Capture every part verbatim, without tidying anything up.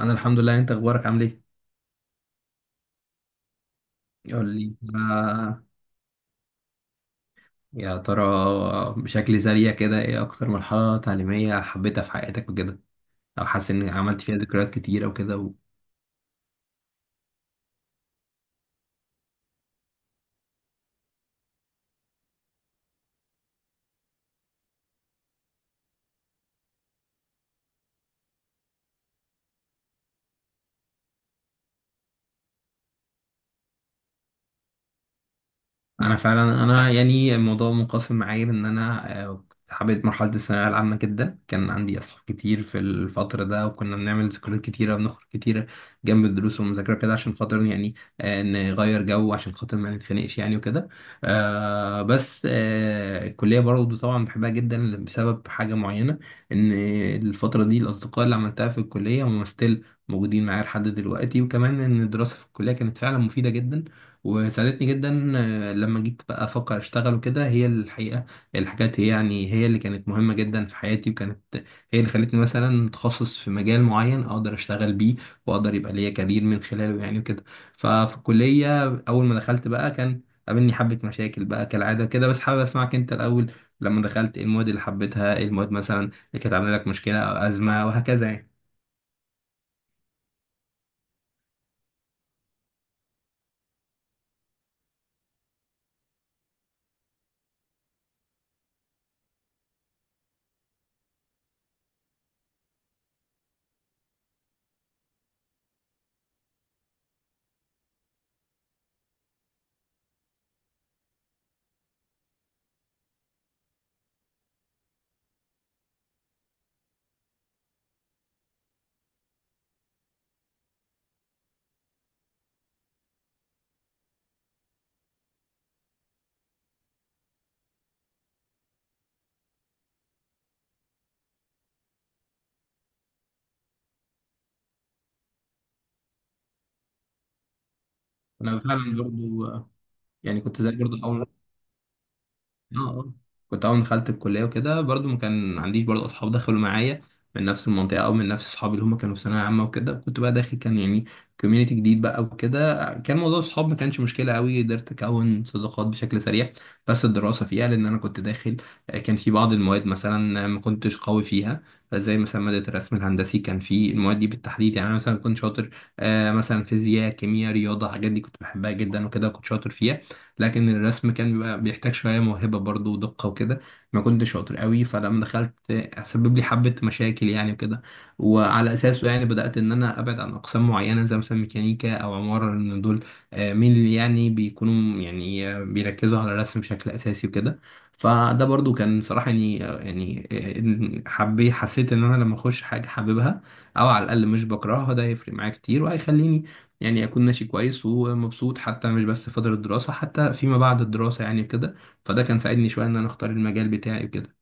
انا الحمد لله. انت اخبارك عامل ايه؟ قول لي بقى، يا ترى بشكل سريع كده ايه اكتر مرحله تعليميه حبيتها في حياتك وكده، او حاسس ان عملت فيها ذكريات كتير او كده؟ انا فعلا انا يعني الموضوع منقسم معايا ان انا آه، كنت حبيت مرحله الثانويه العامه جدا. كان عندي اصحاب كتير في الفتره ده وكنا بنعمل ذكريات كتيره، بنخرج كتيره جنب الدروس والمذاكره كده عشان خاطر يعني آه، نغير جو، عشان خاطر ما نتخانقش يعني وكده. آه، بس آه، الكليه برضه طبعا بحبها جدا بسبب حاجه معينه، ان الفتره دي الاصدقاء اللي عملتها في الكليه هم ستيل موجودين معايا لحد دلوقتي، وكمان ان الدراسه في الكليه كانت فعلا مفيده جدا وساعدتني جدا. آه، لما جيت بقى افكر اشتغل وكده، هي الحقيقه الحاجات هي يعني هي اللي كانت مهمه جدا في حياتي، وكانت هي اللي خلتني مثلا متخصص في مجال معين اقدر اشتغل بيه، واقدر يبقى ليا كارير من خلاله يعني وكده. ففي الكليه اول ما دخلت بقى، كان قابلني حبه مشاكل بقى كالعاده كده، بس حابب اسمعك انت الاول. لما دخلت ايه المواد اللي حبيتها، ايه المواد مثلا اللي كانت عامله لك مشكله او ازمه وهكذا يعني؟ انا فعلا برضو آه، يعني كنت زي برضو اول اه اه كنت اول ما دخلت الكليه وكده برضو ما كان عنديش برضو اصحاب دخلوا معايا من نفس المنطقه او من نفس اصحابي اللي هم كانوا في ثانويه عامه وكده. كنت بقى داخل كان يعني كوميونتي جديد بقى وكده. كان موضوع الصحاب ما كانش مشكله قوي، قدرت اكون صداقات بشكل سريع. بس الدراسه فيها، لان انا كنت داخل، آه، كان في بعض المواد مثلا آه، ما كنتش قوي فيها، زي مثلا ماده الرسم الهندسي. كان في المواد دي بالتحديد يعني انا مثلا كنت شاطر. آه، مثلا فيزياء، كيمياء، رياضه، الحاجات دي كنت بحبها جدا وكده كنت شاطر فيها، لكن الرسم كان بيبقى بيحتاج شوية موهبة برضو ودقة وكده، ما كنتش شاطر قوي. فلما دخلت، سبب لي حبة مشاكل يعني وكده، وعلى أساسه يعني بدأت إن أنا أبعد عن أقسام معينة زي مثلا ميكانيكا أو عمارة، لأن دول آه، مين اللي يعني بيكونوا يعني آه، بيركزوا على الرسم بشكل أساسي وكده. فده برضو كان صراحة يعني آه، يعني آه، حبي حسيت إن أنا لما أخش حاجة حاببها أو على الأقل مش بكرهها، ده هيفرق معايا كتير وهيخليني يعني أكون ماشي كويس ومبسوط، حتى مش بس في فترة الدراسة، حتى فيما بعد الدراسة يعني كده. فده كان ساعدني شوية إن أنا أختار المجال بتاعي وكده.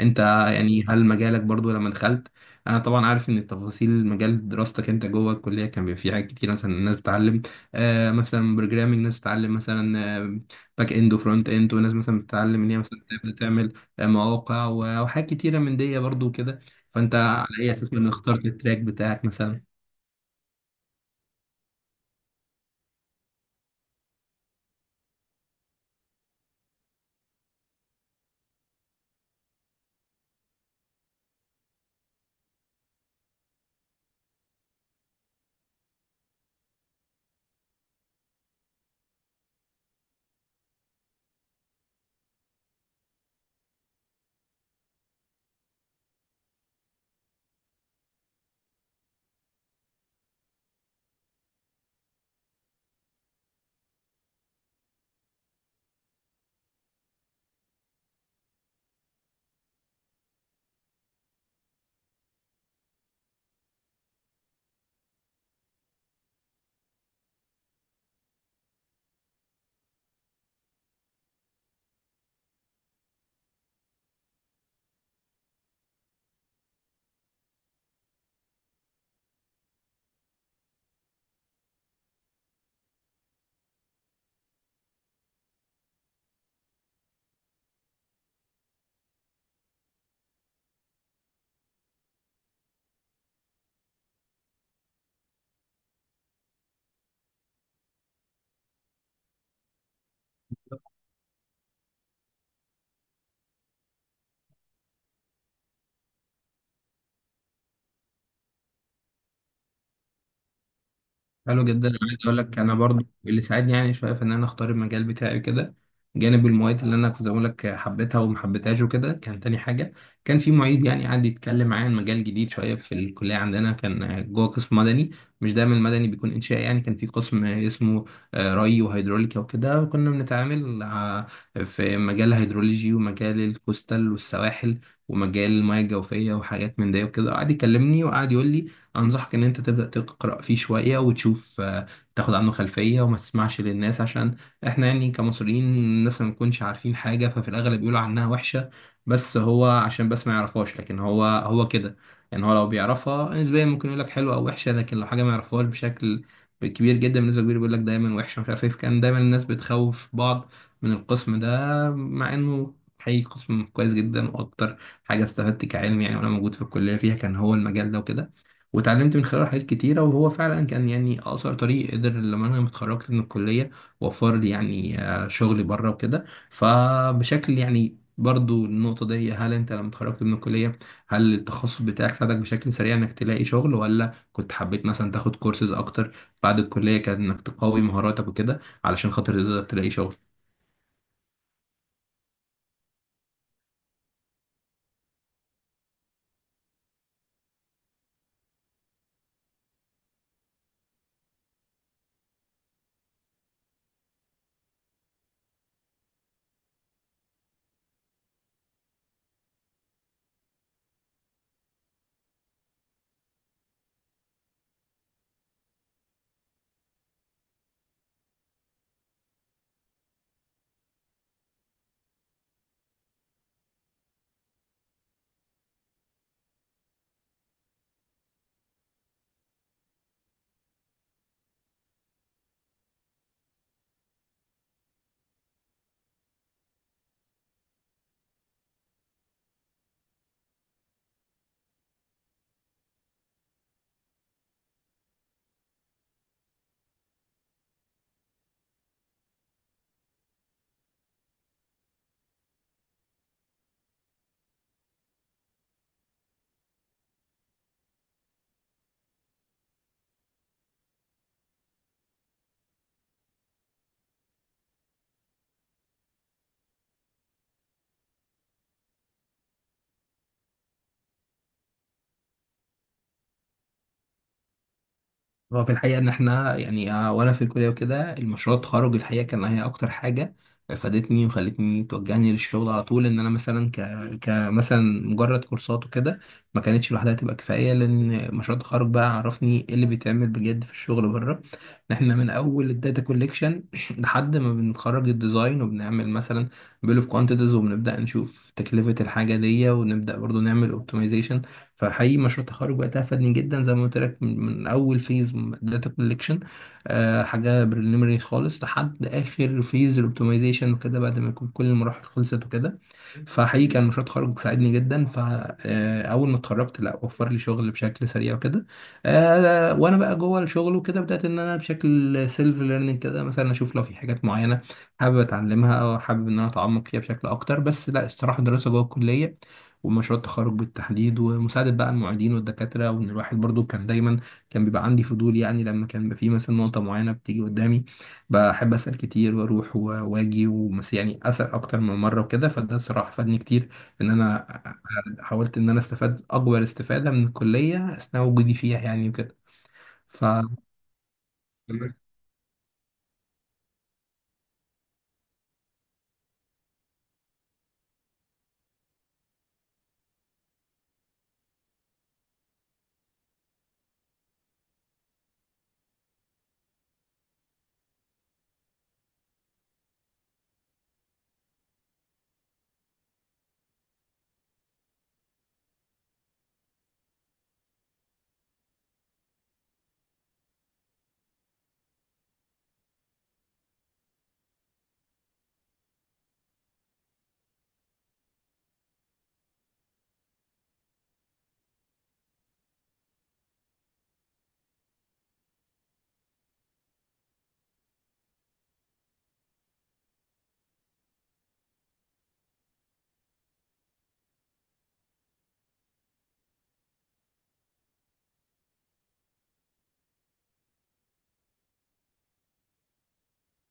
أنت يعني هل مجالك برضو لما دخلت، أنا طبعا عارف إن التفاصيل مجال دراستك أنت جوه الكلية كان بيبقى فيه حاجات كتير، مثلا الناس بتتعلم آه مثلا بروجرامينج، ناس بتتعلم مثلا باك إند وفرونت إند، وناس مثلا بتتعلم إن هي مثلا تبدأ تعمل آه، مواقع و- وحاجات كتيرة من دي برضو كده. فأنت على أي أساس من اخترت التراك بتاعك مثلا؟ حلو جدا. انا عايز اقول لك انا برضو اللي ساعدني يعني شويه في ان انا اختار المجال بتاعي كده، جانب المواد اللي انا كنت بقول لك حبيتها وما حبيتهاش وكده، كان تاني حاجه كان في معيد يعني قعد يتكلم معايا عن مجال جديد شويه في الكليه عندنا. كان جوه قسم مدني، مش دايما المدني بيكون انشائي يعني. كان في قسم اسمه آه، ري وهيدروليكا وكده، وكنا بنتعامل ع- في مجال الهيدرولوجي ومجال الكوستال والسواحل ومجال المياه الجوفيه وحاجات من ده وكده. قعد يكلمني وقعد يقول لي انصحك ان انت تبدا تقرا فيه شويه وتشوف، آه، تاخد عنه خلفيه وما تسمعش للناس، عشان احنا يعني كمصريين الناس ما بنكونش عارفين حاجه، ففي الاغلب بيقولوا عنها وحشه بس هو عشان بس ما يعرفهاش. لكن هو هو كده يعني، هو لو بيعرفها نسبيا ممكن يقول لك حلوه او وحشه، لكن لو حاجه ما يعرفهاش بشكل كبير جدا بالنسبه كبير بيقول لك دايما وحشه مش عارف ايه. فكان دايما الناس بتخوف بعض من القسم ده، مع انه حقيقي قسم كويس جدا. واكتر حاجه استفدت كعلم يعني وانا موجود في الكليه فيها، كان هو المجال ده وكده، واتعلمت من خلاله حاجات كتيرة. وهو فعلا كان يعني أقصر طريق قدر لما أنا اتخرجت من الكلية وفر لي يعني آه، شغل بره وكده. فبشكل يعني برضو النقطة دي، هل أنت لما اتخرجت من الكلية هل التخصص بتاعك ساعدك بشكل سريع إنك تلاقي شغل، ولا كنت حبيت مثلا تاخد كورسز أكتر بعد الكلية كان إنك تقوي مهاراتك وكده علشان خاطر تقدر تلاقي شغل؟ هو في الحقيقة إن إحنا يعني، آه، وأنا في الكلية وكده، المشروع التخرج الحقيقة كان هي أكتر حاجة فادتني وخلتني توجهني للشغل على طول. إن أنا مثلا ك كمثلا مجرد كورسات وكده ما كانتش لوحدها تبقى كفاية، لأن مشروع التخرج بقى عرفني إيه اللي بيتعمل بجد في الشغل بره. إن إحنا من أول الداتا كوليكشن لحد ما بنخرج الديزاين وبنعمل مثلا بيل أوف كوانتيتيز، وبنبدأ نشوف تكلفة الحاجة دي ونبدأ برضو نعمل أوبتمايزيشن. فحقيقي مشروع التخرج وقتها فادني جدا، زي ما قلت لك من من اول فيز داتا كولكشن، حاجه بريليمري خالص، لحد اخر فيز الاوبتمايزيشن وكده، بعد ما يكون كل المراحل خلصت وكده. فحقيقي كان مشروع التخرج ساعدني جدا، فأول ما اتخرجت لا وفر لي شغل بشكل سريع وكده. آه، وأنا بقى جوه الشغل وكده بدأت إن أنا بشكل سيلف ليرنينج كده مثلا أشوف لو في حاجات معينة حابب أتعلمها أو حابب إن أنا أتعمق فيها بشكل أكتر. بس لا، الصراحة الدراسة جوه الكلية ومشروع التخرج بالتحديد ومساعدة بقى المعيدين والدكاترة، وإن الواحد برضو كان دايما كان بيبقى عندي فضول يعني، لما كان بيبقى في مثلا نقطة معينة بتيجي قدامي بحب اسال كتير واروح و- واجي ومس يعني اسال اكتر من مره وكده، فده الصراحه فادني كتير ان انا ع- حاولت ان انا استفاد اكبر استفاده من الكليه اثناء وجودي فيها يعني وكده. ف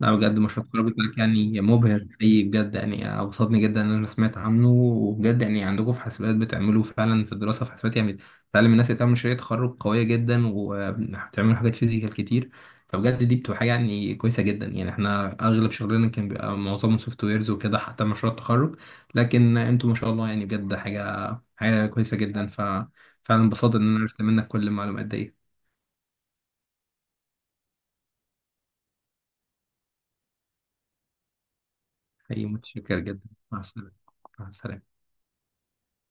لا، بجد مشروع التخرج بتاعك يعني مبهر حقيقي بجد، يعني أبسطني جدا إن أنا سمعت عنه. وبجد يعني عندكم في حاسبات بتعملوا فعلا في الدراسة في حاسبات يعني بتعلم الناس اللي تعمل مشاريع تخرج قوية جدا، وبتعملوا حاجات فيزيكال كتير، فبجد دي بتبقى حاجة يعني كويسة جدا. يعني إحنا أغلب شغلنا كان بيبقى معظمه سوفت ويرز وكده حتى مشروع التخرج، لكن أنتوا ما شاء الله يعني بجد حاجة حاجة كويسة جدا. ففعلا انبسطت إن أنا عرفت منك كل المعلومات دي. حقيقي متشكر جدا، مع السلامة. مع السلامة.